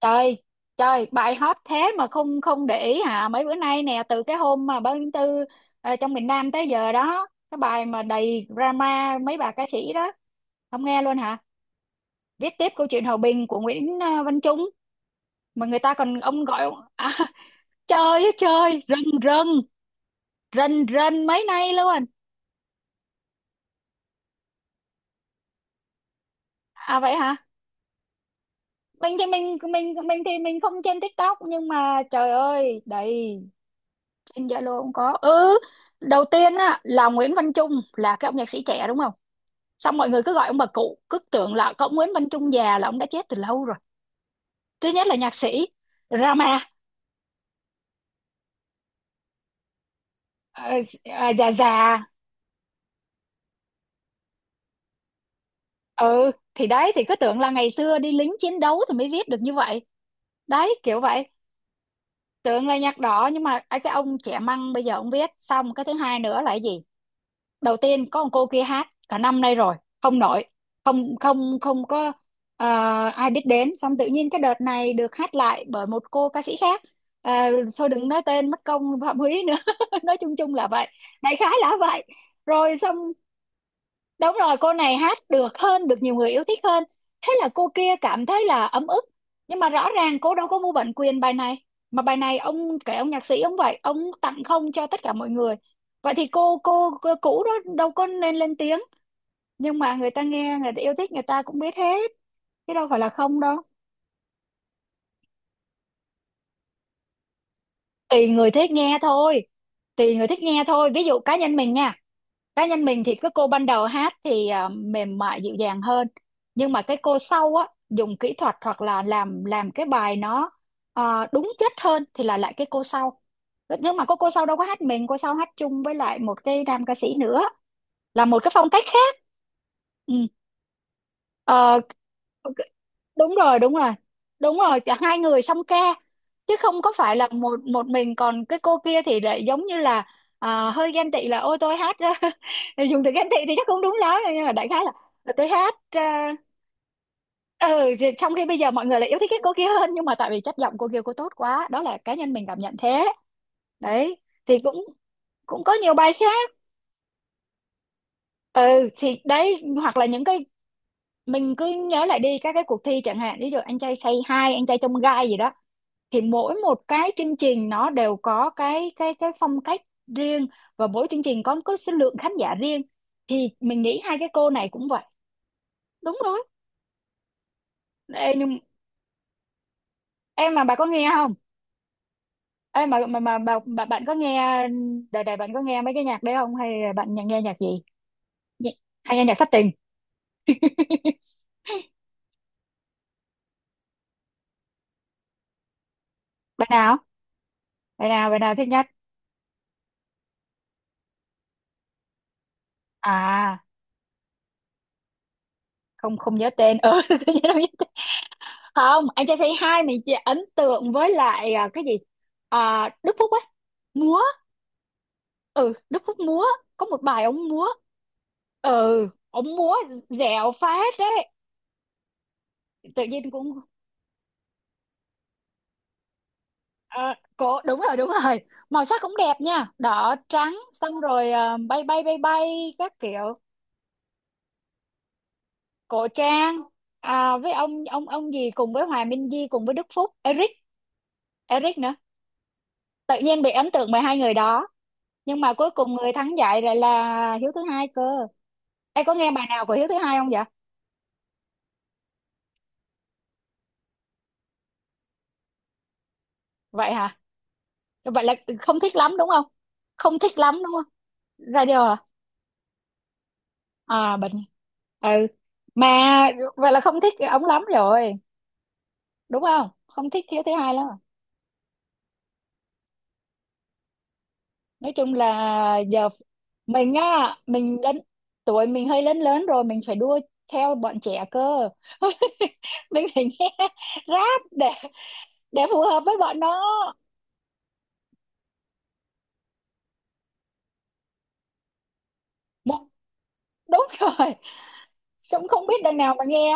Trời, trời, bài hot thế mà không không để ý hả? Mấy bữa nay nè, từ cái hôm mà 3/4, trong miền Nam tới giờ đó, cái bài mà đầy drama mấy bà ca sĩ đó. Không nghe luôn hả? Viết tiếp câu chuyện hòa bình của Nguyễn Văn Trung. Mà người ta còn ông gọi Trời ơi trời, rần rần, rần rần mấy nay luôn. À, vậy hả? Mình thì mình không trên TikTok, nhưng mà trời ơi đầy. Trên Zalo cũng có. Ừ, đầu tiên á là Nguyễn Văn Trung, là cái ông nhạc sĩ trẻ đúng không? Xong mọi người cứ gọi ông bà cụ, cứ tưởng là có ông Nguyễn Văn Trung già, là ông đã chết từ lâu rồi. Thứ nhất là nhạc sĩ Rama, ờ, già già. Ừ, thì đấy, thì cứ tưởng là ngày xưa đi lính chiến đấu thì mới viết được như vậy. Đấy, kiểu vậy. Tưởng là nhạc đỏ nhưng mà ấy, cái ông trẻ măng bây giờ ông viết. Xong cái thứ hai nữa là cái gì? Đầu tiên có một cô kia hát cả năm nay rồi, không nổi, không không không có ờ, ai biết đến. Xong tự nhiên cái đợt này được hát lại bởi một cô ca sĩ khác. Ờ, thôi đừng nói tên mất công phạm húy nữa, nói chung chung là vậy, đại khái là vậy, rồi xong. Đúng rồi, cô này hát được hơn, được nhiều người yêu thích hơn. Thế là cô kia cảm thấy là ấm ức. Nhưng mà rõ ràng cô đâu có mua bản quyền bài này. Mà bài này ông kể, ông nhạc sĩ ông vậy, ông tặng không cho tất cả mọi người. Vậy thì cô cũ đó đâu có nên lên tiếng. Nhưng mà người ta nghe, người ta yêu thích, người ta cũng biết hết. Chứ đâu phải là không đâu. Tùy người thích nghe thôi. Tùy người thích nghe thôi. Ví dụ cá nhân mình nha, cá nhân mình thì cái cô ban đầu hát thì mềm mại dịu dàng hơn, nhưng mà cái cô sau á dùng kỹ thuật hoặc là làm cái bài nó đúng chất hơn, thì là lại cái cô sau. Nhưng mà cô sau đâu có hát mình, cô sau hát chung với lại một cái nam ca sĩ nữa, là một cái phong cách khác. Ừ. Ờ. Ok. Đúng rồi, đúng rồi. Đúng rồi, cả hai người song ca. Chứ không có phải là một một mình. Còn cái cô kia thì lại giống như là hơi ghen tị, là ôi tôi hát ra. Dùng từ ghen tị thì chắc không đúng lắm, nhưng mà đại khái là tôi hát ra. Ừ, thì trong khi bây giờ mọi người lại yêu thích cái cô kia hơn, nhưng mà tại vì chất giọng cô kia cô tốt quá, đó là cá nhân mình cảm nhận thế. Đấy, thì cũng cũng có nhiều bài khác. Ừ, thì đấy, hoặc là những cái, mình cứ nhớ lại đi các cái cuộc thi chẳng hạn, ví dụ anh trai say hi, anh trai trong gai gì đó, thì mỗi một cái chương trình nó đều có cái phong cách riêng, và mỗi chương trình có số lượng khán giả riêng, thì mình nghĩ hai cái cô này cũng vậy. Đúng rồi. Ê, nhưng em mà bà có nghe không, em mà bà bạn có nghe, đời đời bạn có nghe mấy cái nhạc đấy không, hay là nghe nhạc gì? Nhị- Hay nghe nhạc thất tình? bạn nào bạn nào bạn nào thích nhất? à Không, không nhớ tên, ừ, tự nhiên không nhớ tên. Không, anh trai say hi mình chỉ ấn tượng với lại cái gì, Đức Phúc ấy, múa. Ừ, Đức Phúc múa, có một bài ông múa, ừ, ông múa dẻo phát đấy, tự nhiên cũng ờ, cổ, đúng rồi đúng rồi. Màu sắc cũng đẹp nha, đỏ trắng, xong rồi bay bay bay bay các kiểu. Cổ trang, với ông gì, cùng với Hòa Minh Di, cùng với Đức Phúc, Eric, Eric nữa. Tự nhiên bị ấn tượng bởi hai người đó, nhưng mà cuối cùng người thắng giải lại là Hiếu thứ hai cơ. Em có nghe bài nào của Hiếu thứ hai không vậy? Vậy hả? Vậy là không thích lắm đúng không? Không thích lắm đúng không? Ra điều à? À, bệnh. Ừ, mà vậy là không thích ống lắm rồi, đúng không, không thích Hiếu thứ hai lắm. Nói chung là giờ mình á, mình đến tuổi mình hơi lớn lớn rồi, mình phải đua theo bọn trẻ cơ. Mình phải nghe rap để phù hợp với bọn nó. Một- Đúng rồi, cũng không biết đằng nào mà nghe.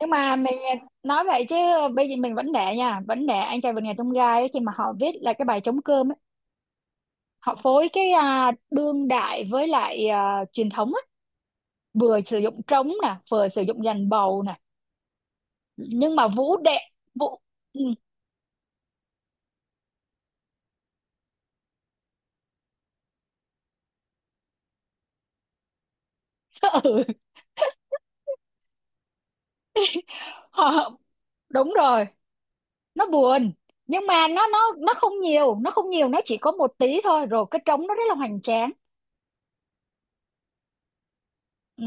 Nhưng mà mình nói vậy chứ, bây giờ mình vẫn để nha, vẫn để anh trai vượt ngàn chông gai ấy, khi mà họ viết là cái bài trống cơm ấy, họ phối cái đương đại với lại truyền thống á, vừa sử dụng trống nè, vừa sử dụng dàn bầu nè, nhưng mà vũ đệ, vũ. Ừ. Ừ. Họ- Đúng rồi, nó buồn, nhưng mà nó không nhiều, nó không nhiều, nó chỉ có một tí thôi, rồi cái trống nó rất là hoành tráng. Ừ.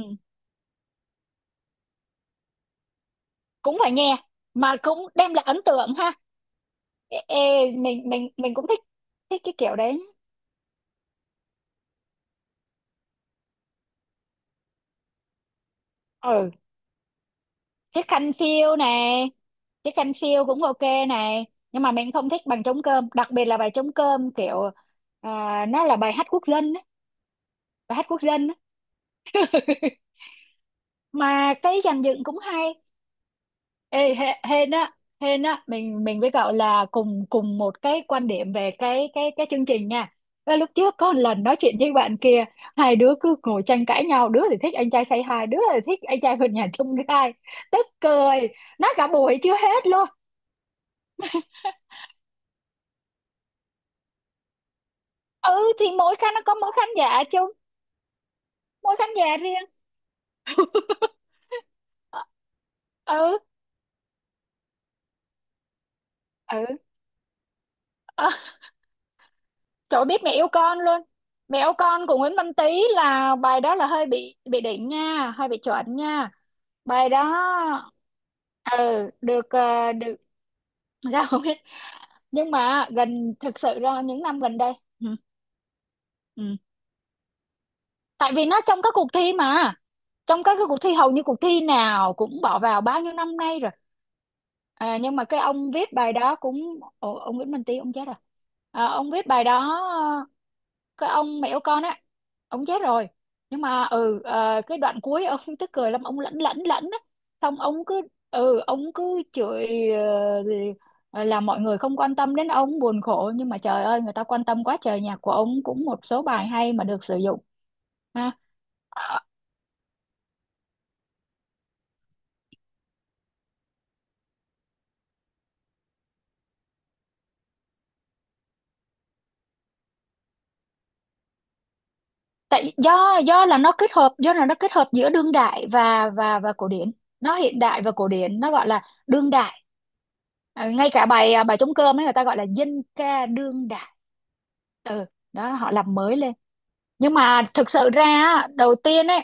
Cũng phải nghe, mà cũng đem lại ấn tượng ha. Ê, ê, mình cũng thích, thích cái kiểu đấy. Ừ. Chiếc khăn phiêu này, cái khăn phiêu cũng ok này, nhưng mà mình không thích bằng trống cơm. Đặc biệt là bài trống cơm kiểu nó là bài hát quốc dân á, bài hát quốc dân á. Mà cái dàn dựng cũng hay. Ê, hên á, hên á, mình với cậu là cùng cùng một cái quan điểm về cái chương trình nha. Và lúc trước có một lần nói chuyện với bạn kia, hai đứa cứ ngồi tranh cãi nhau, đứa thì thích anh trai say hi, đứa thì thích anh trai vượt ngàn chông gai, tức cười, nói cả buổi chưa hết luôn. Ừ, thì mỗi khán nó có mỗi khán giả chung, mỗi khán giả riêng. Ừ. Ừ. Trời ơi, biết mẹ yêu con luôn. Mẹ yêu con của Nguyễn Văn Tý là, bài đó là hơi bị đỉnh nha, hơi bị chuẩn nha. Bài đó ừ được, được. Ra không biết. Nhưng mà gần, thực sự ra những năm gần đây. Ừ. Ừ. Tại vì nó trong các cuộc thi mà. Trong các cái cuộc thi hầu như cuộc thi nào cũng bỏ vào bao nhiêu năm nay rồi. À, nhưng mà cái ông viết bài đó cũng, Ồ, ông Nguyễn Minh Tý ông chết rồi. À, ông viết bài đó, cái ông mẹ của con á, ông chết rồi. Nhưng mà cái đoạn cuối ông tức cười lắm, ông lẫn lẫn lẫn á, xong ông cứ, ừ, ông cứ chửi, là mọi người không quan tâm đến ông buồn khổ. Nhưng mà trời ơi người ta quan tâm quá trời, nhạc của ông cũng một số bài hay mà được sử dụng. Ha. Ờ, tại do là nó kết hợp, do là nó kết hợp giữa đương đại và cổ điển, nó hiện đại và cổ điển, nó gọi là đương đại. Ờ, ngay cả bài, bài trống cơm ấy, người ta gọi là dân ca đương đại. Ừ, đó họ làm mới lên. Nhưng mà thực sự ra á, đầu tiên ấy,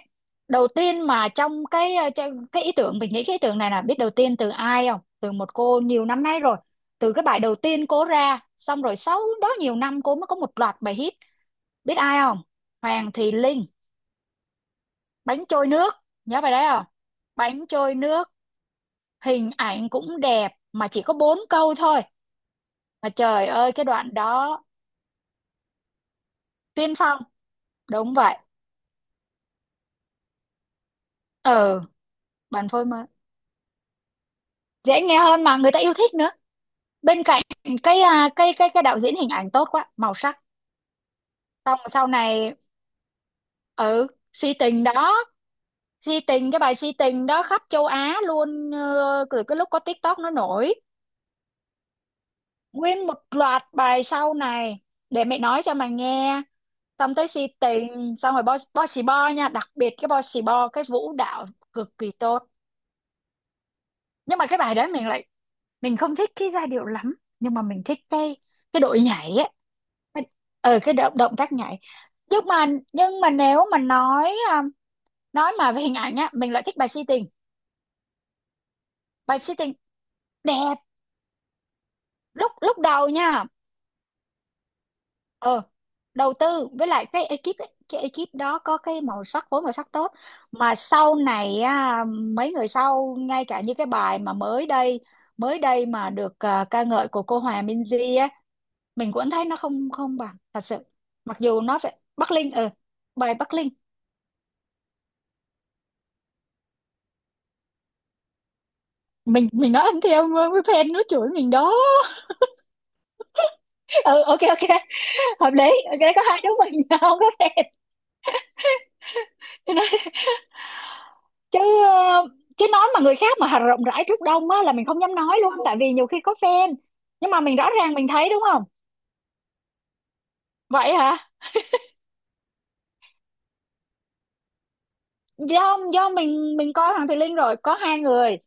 đầu tiên mà trong cái ý tưởng, mình nghĩ cái ý tưởng này là, biết đầu tiên từ ai không? Từ một cô, nhiều năm nay rồi, từ cái bài đầu tiên cô ra, xong rồi sau đó nhiều năm cô mới có một loạt bài hit. Biết ai không? Hoàng Thùy Linh, bánh trôi nước. Nhớ bài đấy không? Bánh trôi nước. Hình ảnh cũng đẹp mà chỉ có bốn câu thôi, mà trời ơi cái đoạn đó. Tiên phong. Đúng vậy. Ừ. Bàn phôi mà dễ nghe hơn, mà người ta yêu thích nữa. Bên cạnh cái à, cái cái đạo diễn hình ảnh tốt quá, màu sắc. Xong rồi sau này. Ừ. Si tình đó, si tình, cái bài si tình đó khắp châu Á luôn, từ cái lúc có TikTok nó nổi, nguyên một loạt bài sau này. Để mẹ nói cho mày nghe, xong tới si tình, xong rồi bo bo xì bo nha, đặc biệt cái bo xì bo cái vũ đạo cực kỳ tốt. Nhưng mà cái bài đấy mình lại, mình không thích cái giai điệu lắm. Nhưng mà mình thích cái đội nhảy ấy, cái- cái động động tác nhảy. Nhưng mà nhưng mà nếu mà nói nói mà về hình ảnh á, mình lại thích bài Si Tình. Bài Si Tình đẹp lúc lúc đầu nha. Ờ, đầu tư với lại cái ekip ấy, cái ekip đó có cái màu sắc, phối màu sắc tốt. Mà sau này á, mấy người sau ngay cả như cái bài mà mới đây, mới đây mà được ca ngợi của cô Hòa Minzy á, mình cũng thấy nó không không bằng thật sự. Mặc dù nó phải Bắc Linh, ừ, bài Bắc Linh. Mình nói ăn theo với fan nó chửi mình đó. Ừ, ok ok, hợp lý. Ok, có hai đứa mình không có fan. Chứ ờ, chứ nói mà người khác mà hà rộng rãi trước đông á là mình không dám nói luôn, tại vì nhiều khi có fan. Nhưng mà mình rõ ràng mình thấy đúng không? Vậy hả? Do mình coi Hoàng Thùy Linh rồi. Có hai người.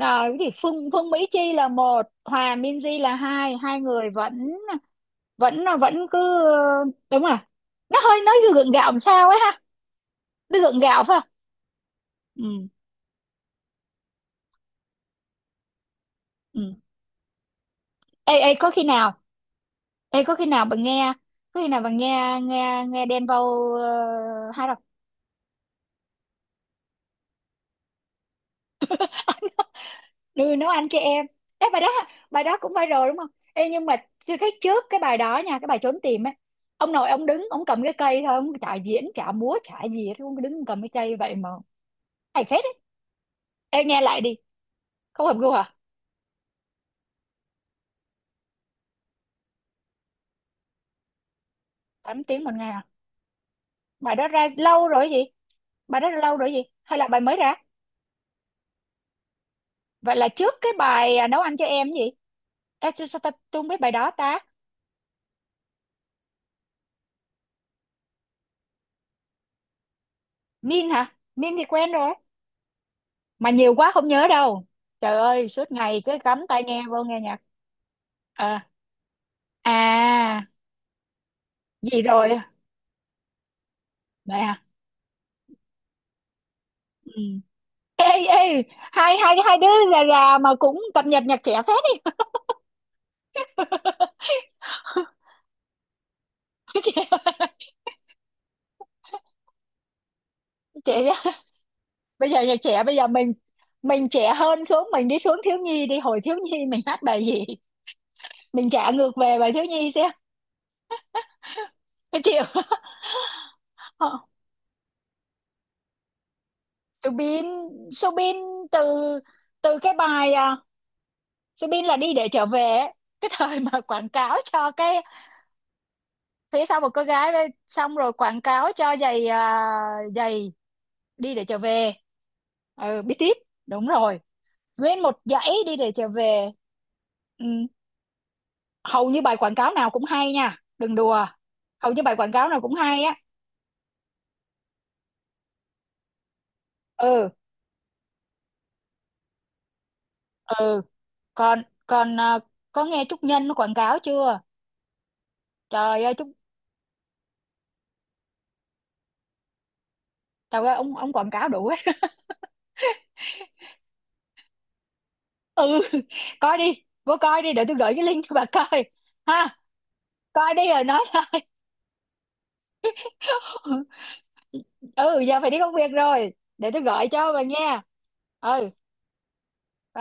Ờ, cái gì, Phương Phương Mỹ Chi là một, Hòa Minzy là hai. Hai người vẫn vẫn vẫn cứ, đúng rồi, nó hơi nói gượng gạo làm sao ấy ha. Nó gượng gạo phải không? Ừ, ừ. Ê, ê, có khi nào, ê có khi nào bạn nghe, có khi nào bạn nghe nghe nghe Đen Vâu, uh, ừ, nấu ăn cho em. Ê, bài đó, bài đó cũng viral đúng không? Ê, nhưng mà chưa thấy trước cái bài đó nha, cái bài Trốn Tìm ấy. Ông nội ông đứng, ông cầm cái cây thôi, ông chả diễn chả múa chả gì hết, ông cứ đứng cầm cái cây vậy mà hay phết ấy. Ê, nghe lại đi. Không hợp gu hả? 8 tiếng một ngày à? Bài đó ra lâu rồi gì. Bài đó ra lâu rồi gì hay là bài mới ra? Vậy là trước cái bài nấu ăn cho em gì. Ê, sao, sao ta, tôi không biết bài đó ta. Min hả? Min thì quen rồi. Mà nhiều quá không nhớ đâu. Trời ơi, suốt ngày cứ cắm tai nghe vô nghe nhạc. Ờ, à, gì rồi, mẹ à. Ừ. Ê, ê, hai hai hai đứa là mà cũng cập nhật nhạc trẻ phết đấy kìa. Trẻ. Bây giờ nhạc trẻ bây giờ mình trẻ hơn xuống, mình đi xuống thiếu nhi đi, hồi thiếu nhi mình hát bài gì. Mình trả ngược về bài thiếu nhi xem có chịu. Không? Subin. Subin từ, từ cái bài Subin là Đi Để Trở Về ấy. Cái thời mà quảng cáo cho cái Phía Sau Một Cô Gái với- xong rồi quảng cáo cho giày giày, Đi Để Trở Về. Ừ, biết tiếp. Đúng rồi, nguyên một dãy Đi Để Trở Về. Ừ. Hầu như bài quảng cáo nào cũng hay nha, đừng đùa. Hầu như bài quảng cáo nào cũng hay á. Ừ, ừ. Còn còn có nghe Trúc Nhân nó quảng cáo chưa? Trời ơi, Trúc, trời ơi, ông quảng cáo đủ hết. Ừ, coi đi, vô coi đi, để tôi gửi cái link cho bà coi. Ha, coi đi rồi nói sau. Ừ, giờ phải đi công việc rồi, để tôi gọi cho bà nghe. Ừ, bye.